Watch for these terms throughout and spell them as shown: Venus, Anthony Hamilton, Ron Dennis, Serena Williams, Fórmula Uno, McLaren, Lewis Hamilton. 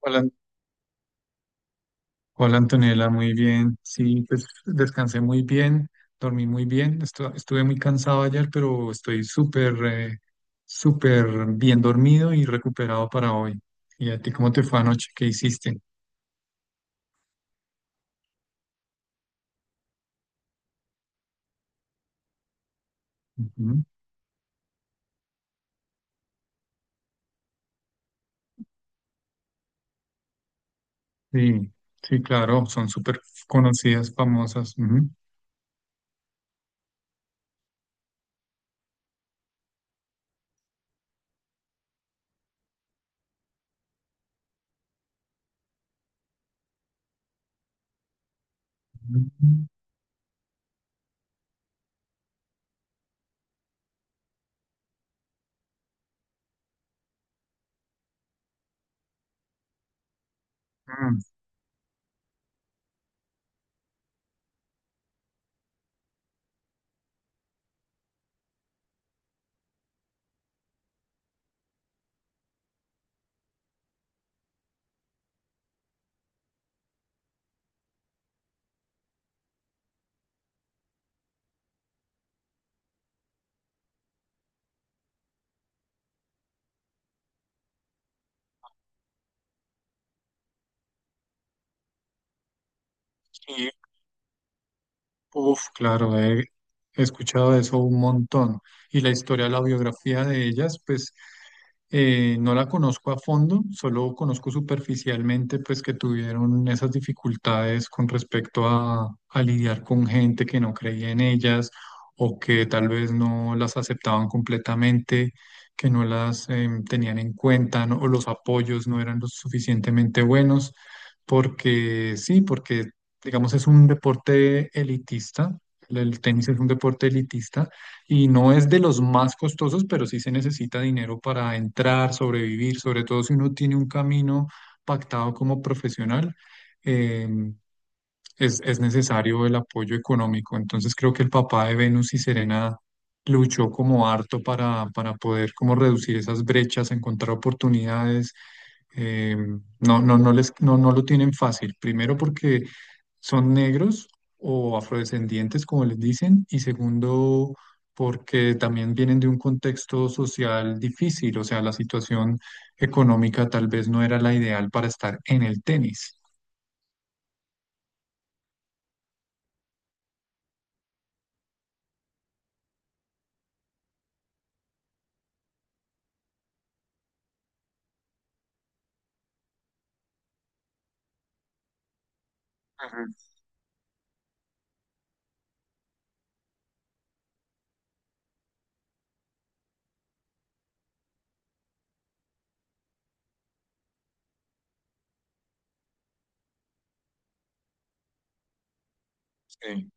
Hola, hola Antonella, muy bien. Sí, pues descansé muy bien, dormí muy bien. Estuve muy cansado ayer, pero estoy súper, súper bien dormido y recuperado para hoy. ¿Y a ti cómo te fue anoche? ¿Qué hiciste? Ujú. Sí, sí, claro, son súper conocidas, famosas. Ujú. Ujú. Mm, Uf, claro, he escuchado de eso un montón. Y la historia, la biografía de ellas, pues no la conozco a fondo, solo conozco superficialmente, pues que tuvieron esas dificultades con respecto a lidiar con gente que no creía en ellas o que tal vez no las aceptaban completamente, que no las tenían en cuenta, ¿no? O los apoyos no eran lo suficientemente buenos. Porque sí, porque digamos, es un deporte elitista. El tenis es un deporte elitista y no es de los más costosos, pero sí se necesita dinero para entrar, sobrevivir, sobre todo si uno tiene un camino pactado como profesional, eh, es necesario el apoyo económico. Entonces creo que el papá de Venus y Serena luchó como harto para poder como reducir esas brechas, encontrar oportunidades eh, no, no, no les, no, no lo tienen fácil. Primero porque son negros o afrodescendientes, como les dicen, y segundo porque también vienen de un contexto social difícil, o sea, la situación económica tal vez no era la ideal para estar en el tenis. Sí,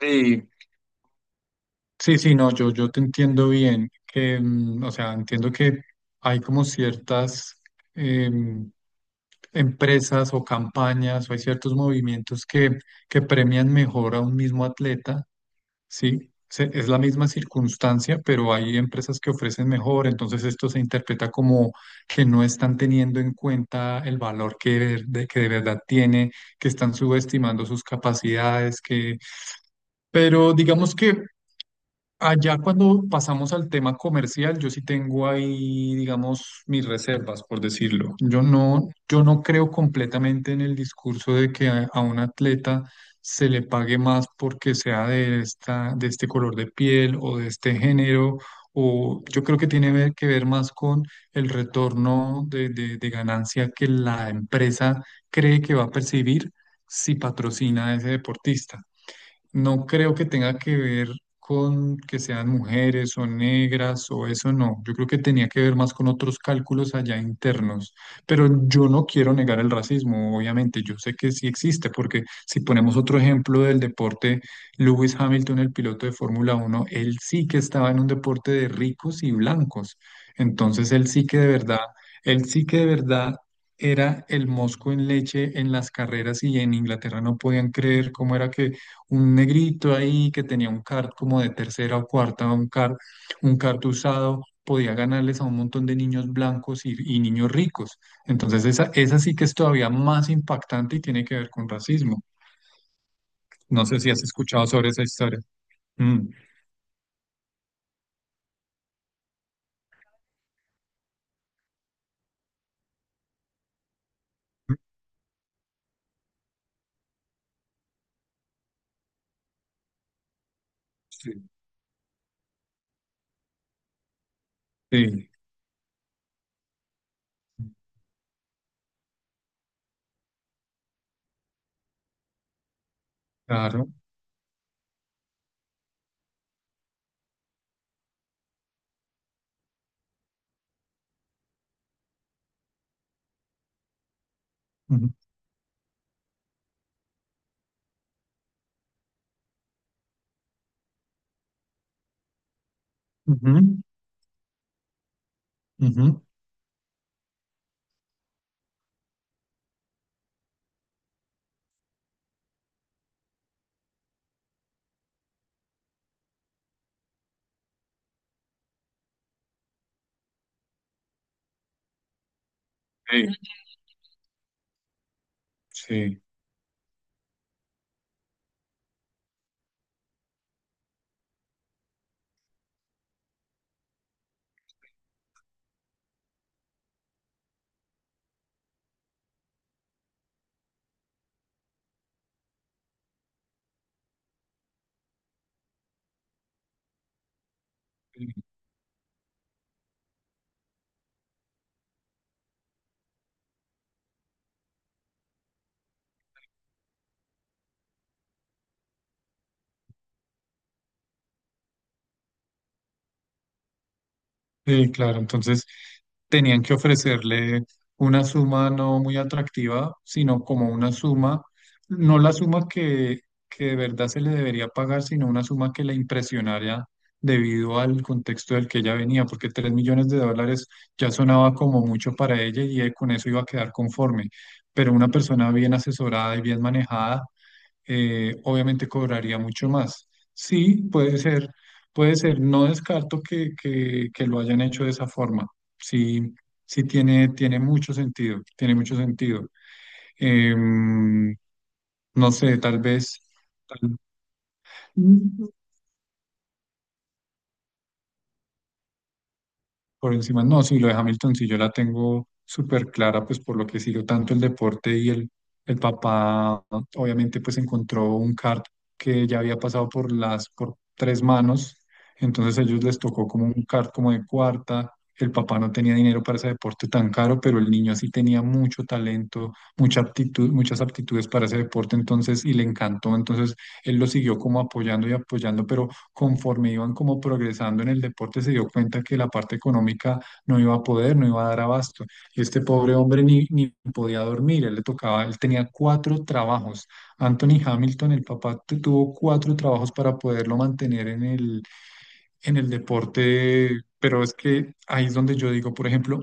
sí, sí, sí, no, yo te entiendo bien, que, o sea, entiendo que hay como ciertas... em, empresas o campañas o hay ciertos movimientos que premian mejor a un mismo atleta, ¿sí? Es la misma circunstancia, pero hay empresas que ofrecen mejor, entonces esto se interpreta como que no están teniendo en cuenta el valor que de verdad tiene, que están subestimando sus capacidades, que. Pero digamos que allá cuando pasamos al tema comercial, yo sí tengo ahí, digamos, mis reservas, por decirlo. Yo no creo completamente en el discurso de que a un atleta se le pague más porque sea de esta, de este color de piel o de este género, o yo creo que tiene que ver más con el retorno de ganancia que la empresa cree que va a percibir si patrocina a ese deportista. No creo que tenga que ver con que sean mujeres o negras o eso, no. Yo creo que tenía que ver más con otros cálculos allá internos. Pero yo no quiero negar el racismo, obviamente. Yo sé que sí existe, porque si ponemos otro ejemplo del deporte, Lewis Hamilton, el piloto de Fórmula 1, él sí que estaba en un deporte de ricos y blancos. Entonces él sí que de verdad, él sí que de verdad era el mosco en leche en las carreras y en Inglaterra no podían creer cómo era que un negrito ahí que tenía un kart como de tercera o cuarta, un kart usado, podía ganarles a un montón de niños blancos y niños ricos. Entonces esa sí que es todavía más impactante y tiene que ver con racismo. No sé si has escuchado sobre esa historia. Mm. Sí, sí, claro. Ujú, ujú, ujú. Sí, sí. Sí, claro, entonces tenían que ofrecerle una suma no muy atractiva, sino como una suma, no la suma que de verdad se le debería pagar, sino una suma que la impresionara debido al contexto del que ella venía, porque 3 millones de dólares ya sonaba como mucho para ella y con eso iba a quedar conforme. Pero una persona bien asesorada y bien manejada obviamente cobraría mucho más. Sí, puede ser, no descarto que lo hayan hecho de esa forma. Sí, sí tiene mucho sentido, tiene mucho sentido. Em, no sé, tal vez, tal- Por encima, no, sí, lo de Hamilton sí yo la tengo súper clara, pues por lo que sigo tanto el deporte y el papá, obviamente, pues encontró un kart que ya había pasado por por tres manos, entonces a ellos les tocó como un kart como de cuarta. El papá no tenía dinero para ese deporte tan caro, pero el niño sí tenía mucho talento, mucha aptitud, muchas aptitudes para ese deporte, entonces, y le encantó. Entonces él lo siguió como apoyando y apoyando, pero conforme iban como progresando en el deporte, se dio cuenta que la parte económica no iba a poder, no iba a dar abasto. Y este pobre hombre ni podía dormir, él le tocaba, él tenía cuatro trabajos. Anthony Hamilton, el papá, tuvo cuatro trabajos para poderlo mantener en el deporte. Pero es que ahí es donde yo digo, por ejemplo,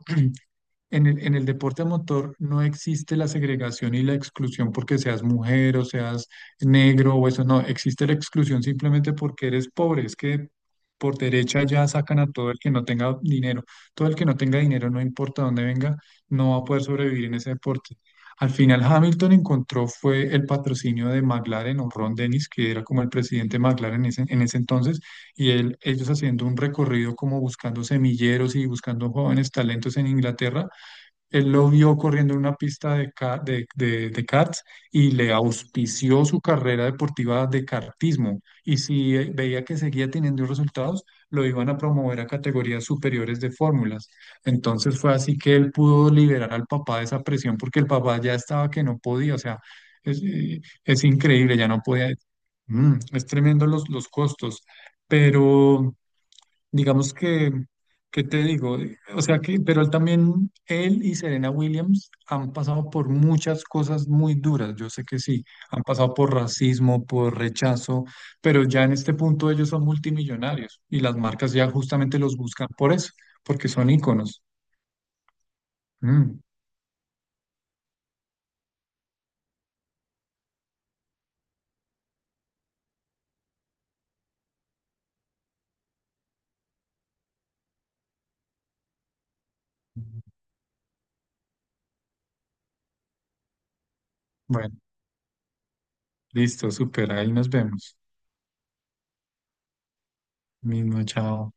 en el deporte a motor no existe la segregación y la exclusión porque seas mujer o seas negro o eso, no, existe la exclusión simplemente porque eres pobre, es que por derecha ya sacan a todo el que no tenga dinero, todo el que no tenga dinero, no importa dónde venga, no va a poder sobrevivir en ese deporte. Al final Hamilton encontró fue el patrocinio de McLaren o Ron Dennis, que era como el presidente de McLaren en ese entonces, y él, ellos haciendo un recorrido como buscando semilleros y buscando jóvenes talentos en Inglaterra, él lo vio corriendo en una pista de, ca- de karts y le auspició su carrera deportiva de kartismo. Y si veía que seguía teniendo resultados, lo iban a promover a categorías superiores de fórmulas. Entonces fue así que él pudo liberar al papá de esa presión porque el papá ya estaba que no podía. O sea, es increíble, ya no podía. Es tremendo los costos, pero. Digamos que, ¿qué te digo? O sea que, pero él también, él y Serena Williams han pasado por muchas cosas muy duras, yo sé que sí, han pasado por racismo, por rechazo, pero ya en este punto ellos son multimillonarios y las marcas ya justamente los buscan por eso, porque son íconos. Mm. Bueno, listo, súper, ahí nos vemos. Mismo, chao.